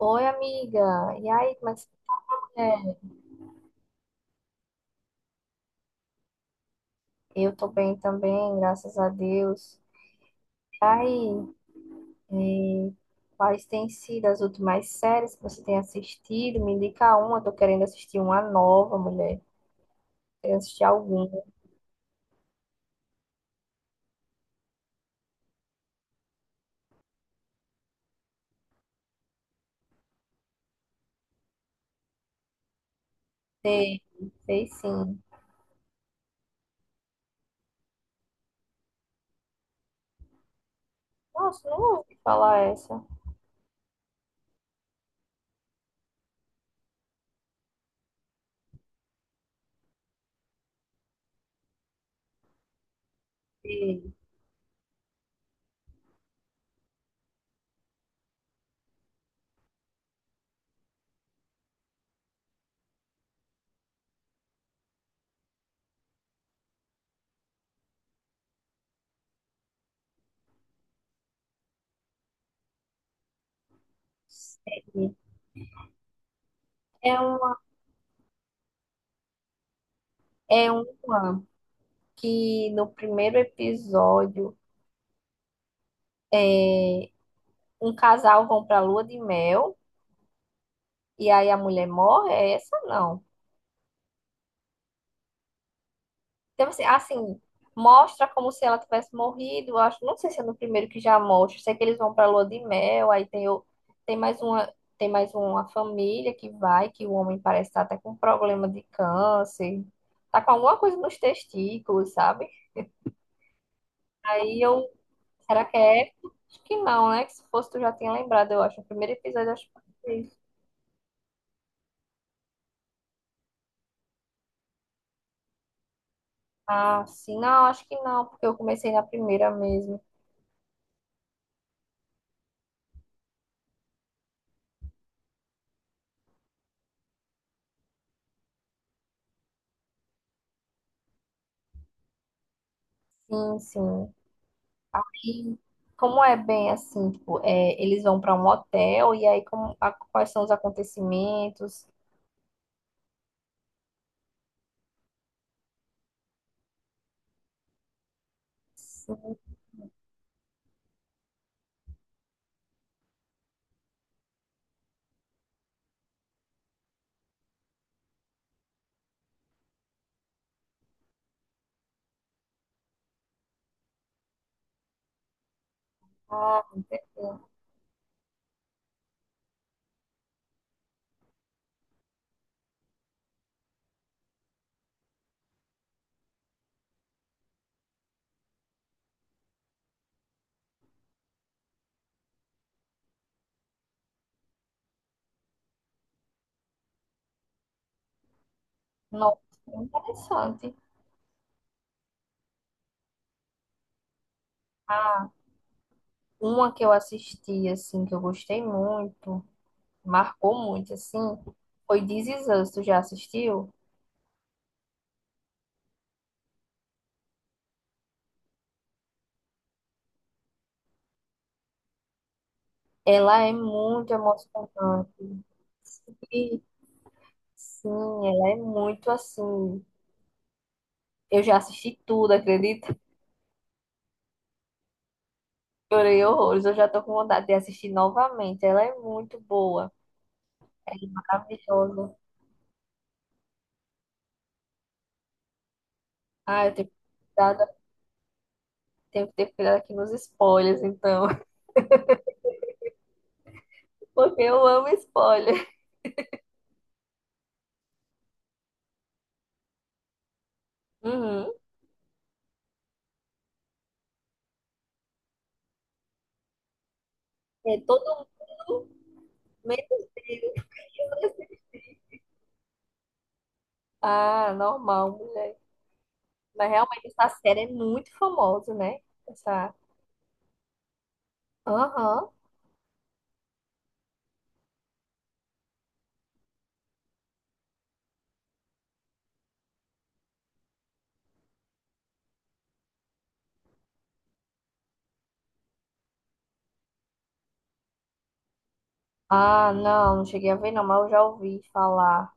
Oi, amiga. E aí, como é que você é? Eu tô bem também, graças a Deus. E aí, eh, quais têm sido as últimas séries que você tem assistido? Me indica uma, eu tô querendo assistir uma nova, mulher. Quero assistir alguma. Sei, sei sim. Nossa, não ouvi falar essa. Sei, sei. É uma, é uma que no primeiro episódio é, um casal vão pra lua de mel e aí a mulher morre? É essa não? Então, assim, mostra como se ela tivesse morrido. Eu acho, não sei se é no primeiro que já mostra. Sei que eles vão pra lua de mel, aí tem, tem mais uma, tem mais uma família que vai, que o homem parece estar até com problema de câncer. Tá com alguma coisa nos testículos, sabe? Aí eu, será que é? Acho que não, né? Que se fosse tu já tinha lembrado, eu acho. O primeiro episódio, eu acho que foi isso. Ah, sim, não, acho que não, porque eu comecei na primeira mesmo. Sim, sim. E como é bem assim, tipo, é, eles vão para um hotel e aí como, quais são os acontecimentos? Sim, ah, não, interessante. Ah, uma que eu assisti assim que eu gostei muito, marcou muito assim, foi This Is Us, tu já assistiu? Ela é muito emocionante. E, Sim, ela é muito assim. Eu já assisti tudo, acredita? Chorei horrores, eu já tô com vontade de assistir novamente. Ela é muito boa. Maravilhoso. Ah, eu tenho que ter cuidado, tenho que ter cuidado aqui nos spoilers, então. Porque eu amo spoiler. Uhum. É todo mundo, menos ele. Ah, normal, mulher. Mas realmente essa série é muito famosa, né? Essa. Aham. Ah, não, não cheguei a ver, não, mas eu já ouvi falar.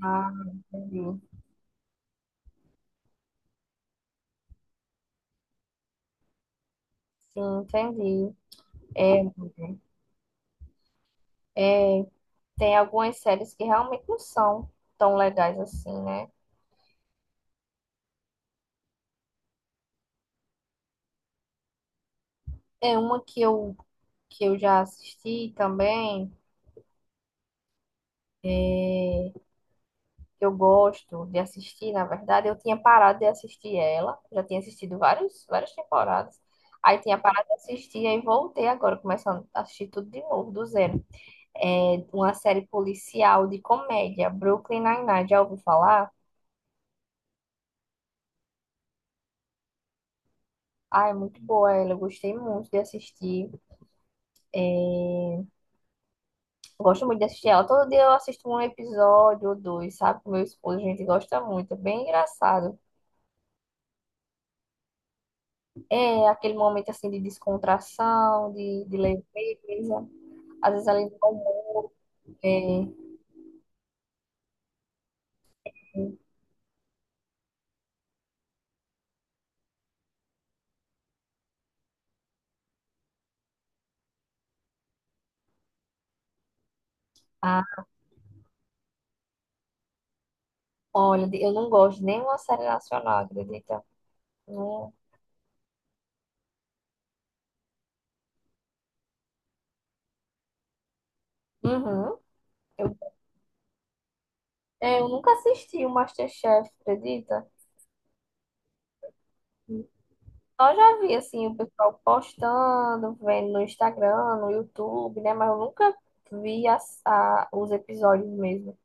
Ah, entendi. Sim, entendi. É, é, tem algumas séries que realmente não são tão legais assim, né? É uma que eu já assisti também, é, que eu gosto de assistir, na verdade, eu tinha parado de assistir ela, já tinha assistido vários, várias temporadas. Aí tinha parado de assistir, aí voltei agora, começando a assistir tudo de novo, do zero. É uma série policial de comédia, Brooklyn Nine-Nine, já ouviu falar? Ah, é muito boa ela, eu gostei muito de assistir. Gosto muito de assistir ela. Todo dia eu assisto um episódio ou dois, sabe? Com meu esposo, a gente gosta muito, é bem engraçado. É aquele momento assim de descontração, de leveza. Às vezes ali no almoço. É. Ah, olha, eu não gosto de nenhuma série nacional, acredita? Não. Uhum. Eu, eu nunca assisti o MasterChef, acredita? Só já vi assim o pessoal postando, vendo no Instagram, no YouTube, né? Mas eu nunca vi as, os episódios mesmo.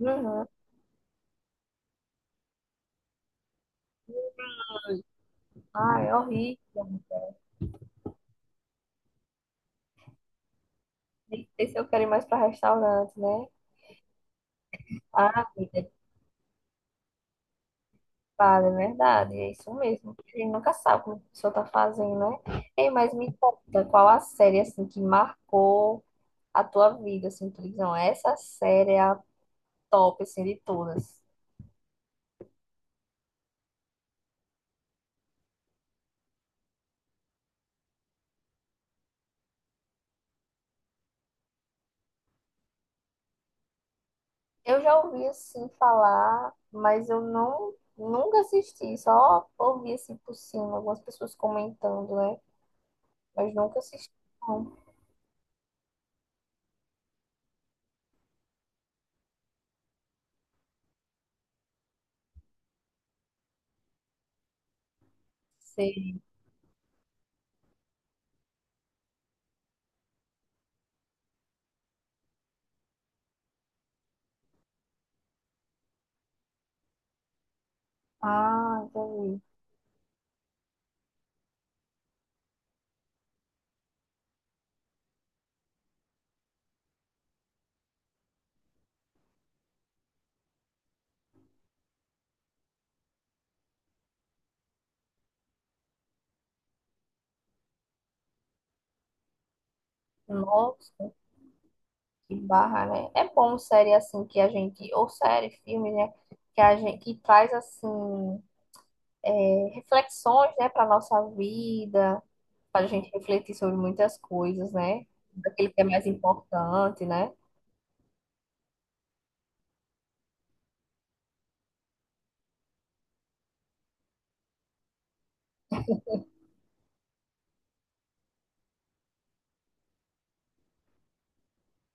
Uhum. Ah, é horrível. Nem sei se eu quero ir mais para restaurante, né? Ah, Vale, é verdade, é isso mesmo. A gente nunca sabe como a pessoa tá fazendo, né? Ei, mas me conta, qual a série, assim, que marcou a tua vida, assim, tu diz, não, essa série é a top, assim, de todas. Eu já ouvi, assim, falar, mas eu não, nunca assisti, só ouvi, assim, por cima, algumas pessoas comentando, né? Mas nunca assisti, não. Sei. Ah, entendi. Nossa. Que barra, né? É bom série assim que a gente, ou série, filme, né? Que a gente que traz assim reflexões, né, para nossa vida, para a gente refletir sobre muitas coisas, né? Daquele que é mais importante, né?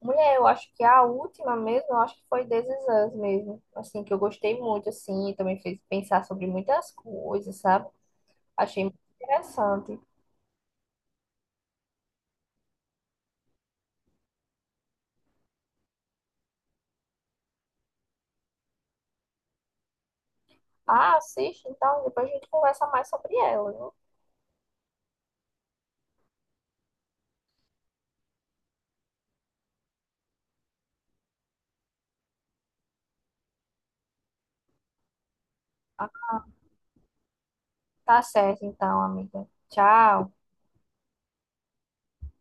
Mulher, eu acho que a última mesmo, eu acho que foi This Is Us mesmo, assim que eu gostei muito, assim, também fez pensar sobre muitas coisas, sabe? Achei muito interessante. Ah, assiste então, depois a gente conversa mais sobre ela, viu? Ah, Tá certo então, amiga. Tchau.